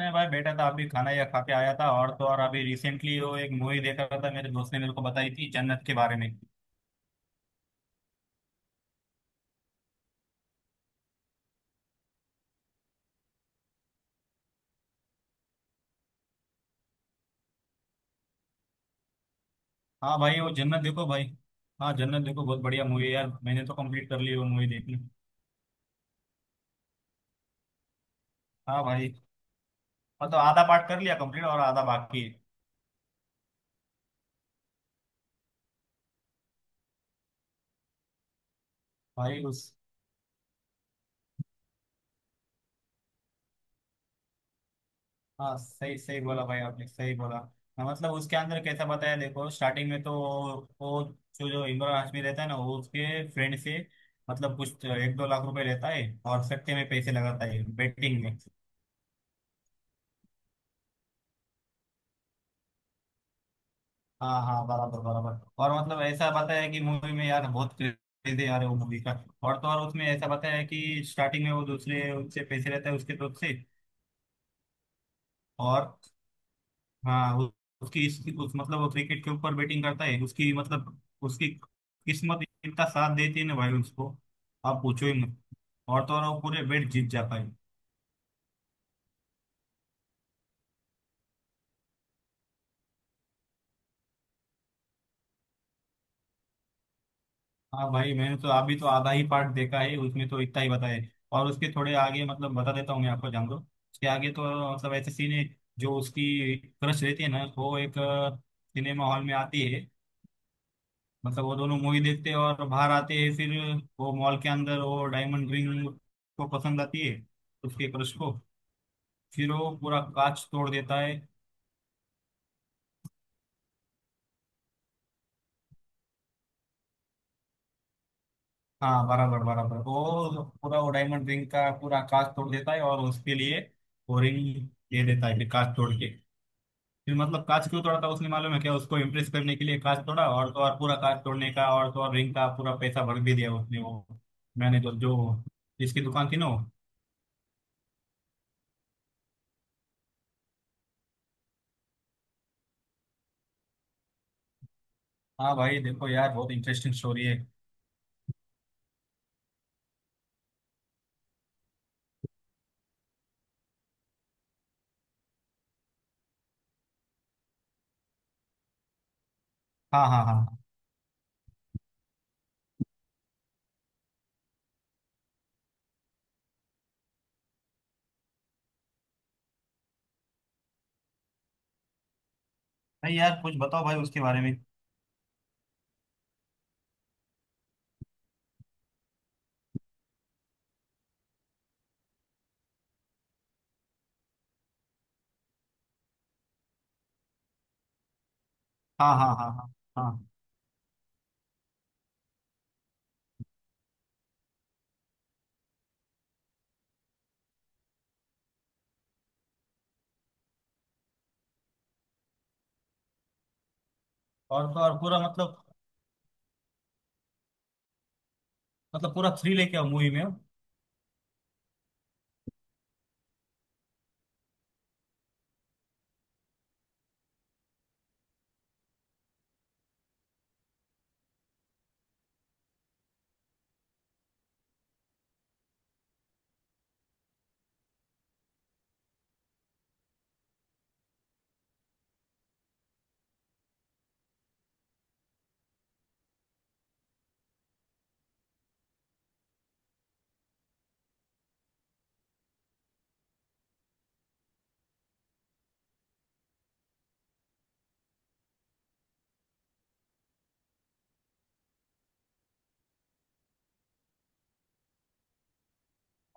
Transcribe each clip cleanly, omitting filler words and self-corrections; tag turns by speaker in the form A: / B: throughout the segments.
A: नहीं भाई, बेटा था अभी। खाना या खा के आया था। और तो और अभी रिसेंटली वो एक मूवी देख रहा था, मेरे दोस्त ने मेरे को बताई थी जन्नत के बारे में। हाँ भाई, वो जन्नत देखो भाई। हाँ, जन्नत देखो, बहुत बढ़िया मूवी है यार। मैंने तो कंप्लीट कर ली वो मूवी देखनी। हाँ भाई। मतलब आधा पार्ट कर लिया कंप्लीट और आधा बाकी है। भाई उस। हाँ सही सही बोला भाई, आपने सही बोला। हाँ, मतलब उसके अंदर कैसा बताया, देखो स्टार्टिंग में तो। वो, जो जो इमरान हाशमी रहता है ना, वो उसके फ्रेंड से मतलब कुछ एक दो लाख रुपए लेता है और सट्टे में पैसे लगाता है, बेटिंग में। हाँ हाँ, बराबर बराबर। और मतलब ऐसा बताया है कि मूवी में यार बहुत क्रेज है यार वो मूवी का। और तो और उसमें ऐसा बताया है कि स्टार्टिंग में वो दूसरे उससे पैसे रहता है उसके तरफ से। और हाँ उसकी इस उस मतलब वो क्रिकेट के ऊपर बैटिंग करता है, उसकी मतलब उसकी किस्मत इतना साथ देती है ना भाई उसको, आप पूछो ही मत। और तो और वो पूरे बैट जीत जाता है। हाँ भाई, मैंने तो अभी तो आधा ही पार्ट देखा है, उसमें तो इतना ही बताया है। और उसके थोड़े आगे मतलब बता देता हूँ मैं आपको, जान दो उसके आगे तो मतलब ऐसे सीन है, जो उसकी क्रश रहती है ना, तो वो एक सिनेमा हॉल में आती है। मतलब वो दोनों मूवी देखते हैं और बाहर आते हैं। फिर वो मॉल के अंदर वो डायमंड रिंग को पसंद आती है, उसके क्रश को। फिर वो पूरा कांच तोड़ देता है। हाँ बराबर बराबर, वो पूरा वो डायमंड रिंग का पूरा कांच तोड़ देता है और उसके लिए वो रिंग दे देता है, फिर कांच तोड़ के। फिर मतलब कांच क्यों तोड़ा था उसने मालूम है क्या? उसको इम्प्रेस करने के लिए कांच तोड़ा, और तो और पूरा कांच तोड़ने का, और तो और रिंग का पूरा पैसा भर भी दिया उसने वो। मैंने जो जो जिसकी दुकान थी ना वो। हाँ भाई, देखो यार, बहुत इंटरेस्टिंग स्टोरी है। हाँ हाँ हाँ। भाई यार कुछ बताओ भाई उसके बारे में। हाँ हाँ हाँ हाँ। हाँ, और तो और पूरा मतलब। मतलब पूरा थ्रिल है क्या मूवी में?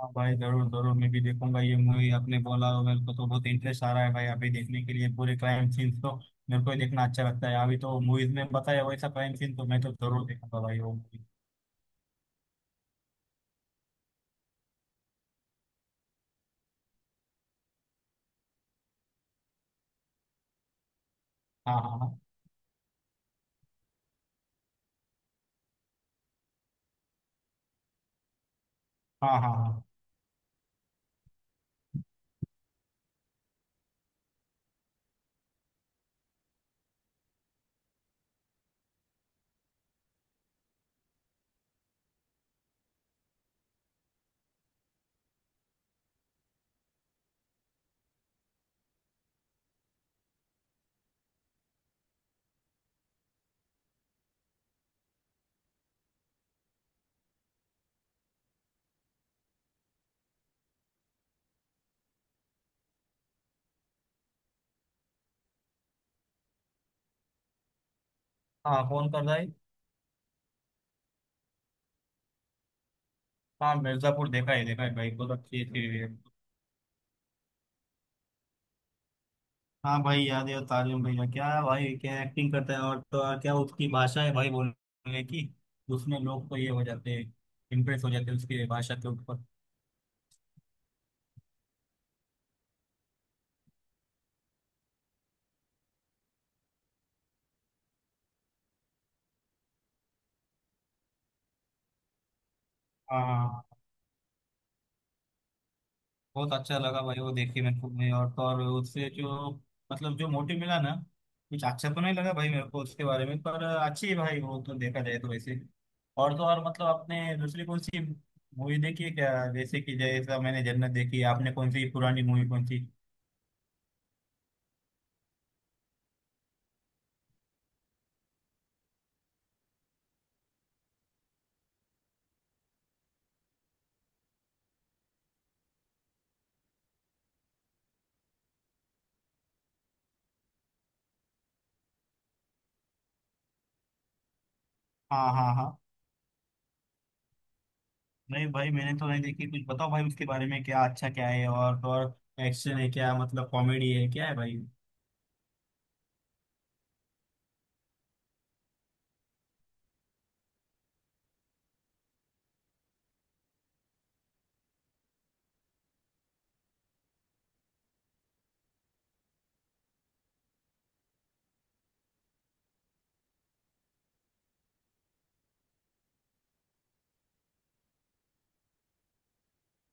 A: हाँ भाई, जरूर जरूर मैं भी देखूंगा ये मूवी आपने बोला, और मेरे को तो बहुत इंटरेस्ट आ रहा है भाई अभी देखने के लिए। पूरे क्राइम सीन्स तो मेरे को ही देखना अच्छा लगता है। अभी तो मूवीज में बताया वैसा क्राइम सीन तो मैं तो जरूर देखूंगा भाई वो मूवी। हाँ हाँ हाँ। हाँ हाँ। हाँ हाँ कौन कर रहा है? हाँ, मिर्जापुर देखा है, देखा है भाई, बहुत अच्छी थी। हाँ भाई, याद है। तारिम भैया क्या भाई, क्या एक्टिंग करता है! और तो और क्या उसकी भाषा है भाई बोलने की, उसमें लोग तो ये हो जाते हैं, इम्प्रेस हो जाते हैं उसकी भाषा के ऊपर। हाँ हाँ हाँ। बहुत अच्छा लगा भाई वो देख के मेरे को भी। और तो और उससे जो मतलब जो मोटिव मिला ना, कुछ अच्छा तो नहीं लगा भाई मेरे को उसके बारे में, पर अच्छी है भाई वो तो, देखा जाए तो वैसे। और तो और मतलब आपने दूसरी कौन सी मूवी देखी है क्या? जैसे कि जैसा मैंने जन्नत देखी है, आपने कौन सी पुरानी मूवी, कौन सी? हाँ हाँ हाँ। नहीं भाई, मैंने तो नहीं देखी। कुछ बताओ भाई उसके बारे में, क्या अच्छा क्या है? और तो और एक्शन है क्या, मतलब कॉमेडी है, क्या है भाई?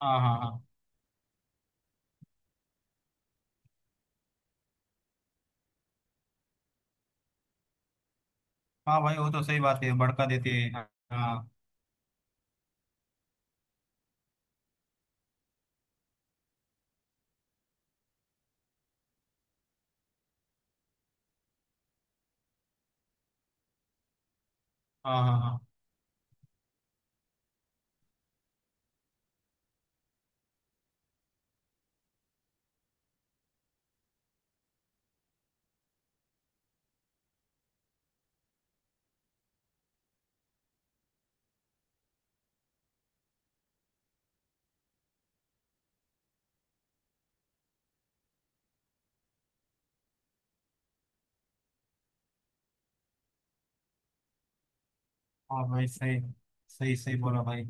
A: हाँ हाँ हाँ। हाँ भाई, वो तो सही बात है, भड़का देते हैं, हाँ। हाँ हाँ। हाँ हाँ भाई सही। सही सही बोला भाई।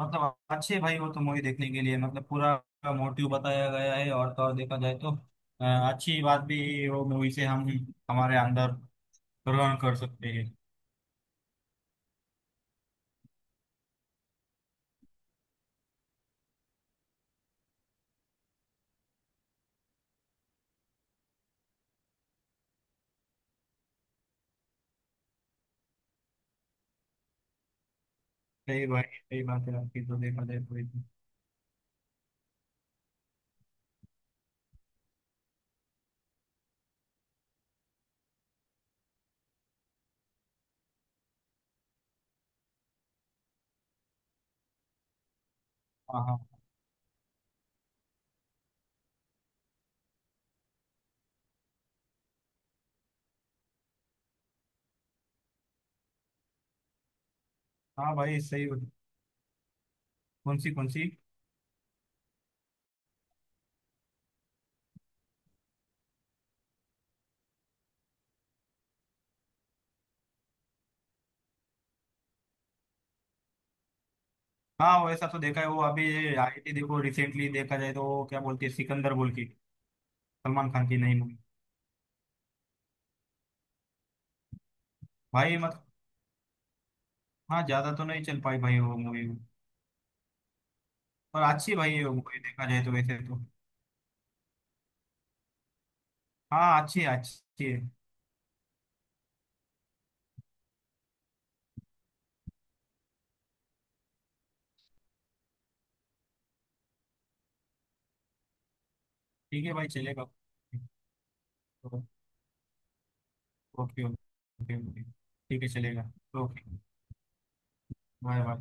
A: मतलब अच्छे भाई, वो तो मूवी देखने के लिए मतलब पूरा मोटिव बताया गया है। और तो और देखा जाए तो अ, अच्छी बात भी वो मूवी से हम हमारे अंदर ग्रहण कर सकते हैं। सही भाई, सही बात है आपकी तो, देखा जाए तो इसमें। हाँ हाँ। हाँ भाई सही। कौन सी कौन सी? हाँ वैसा तो देखा है वो अभी आई थी, देखो रिसेंटली देखा जाए तो, वो क्या बोलते हैं, सिकंदर बोल के, सलमान खान की नई मूवी। भाई मतलब। हाँ, ज्यादा तो नहीं चल पाई भाई वो मूवी, पर अच्छी भाई है वो मूवी, देखा जाए तो वैसे तो। हाँ अच्छी है, अच्छी है। ठीक है भाई, चलेगा। ओके। ओके। ओके, ठीक है, चलेगा। ओके। Bye bye.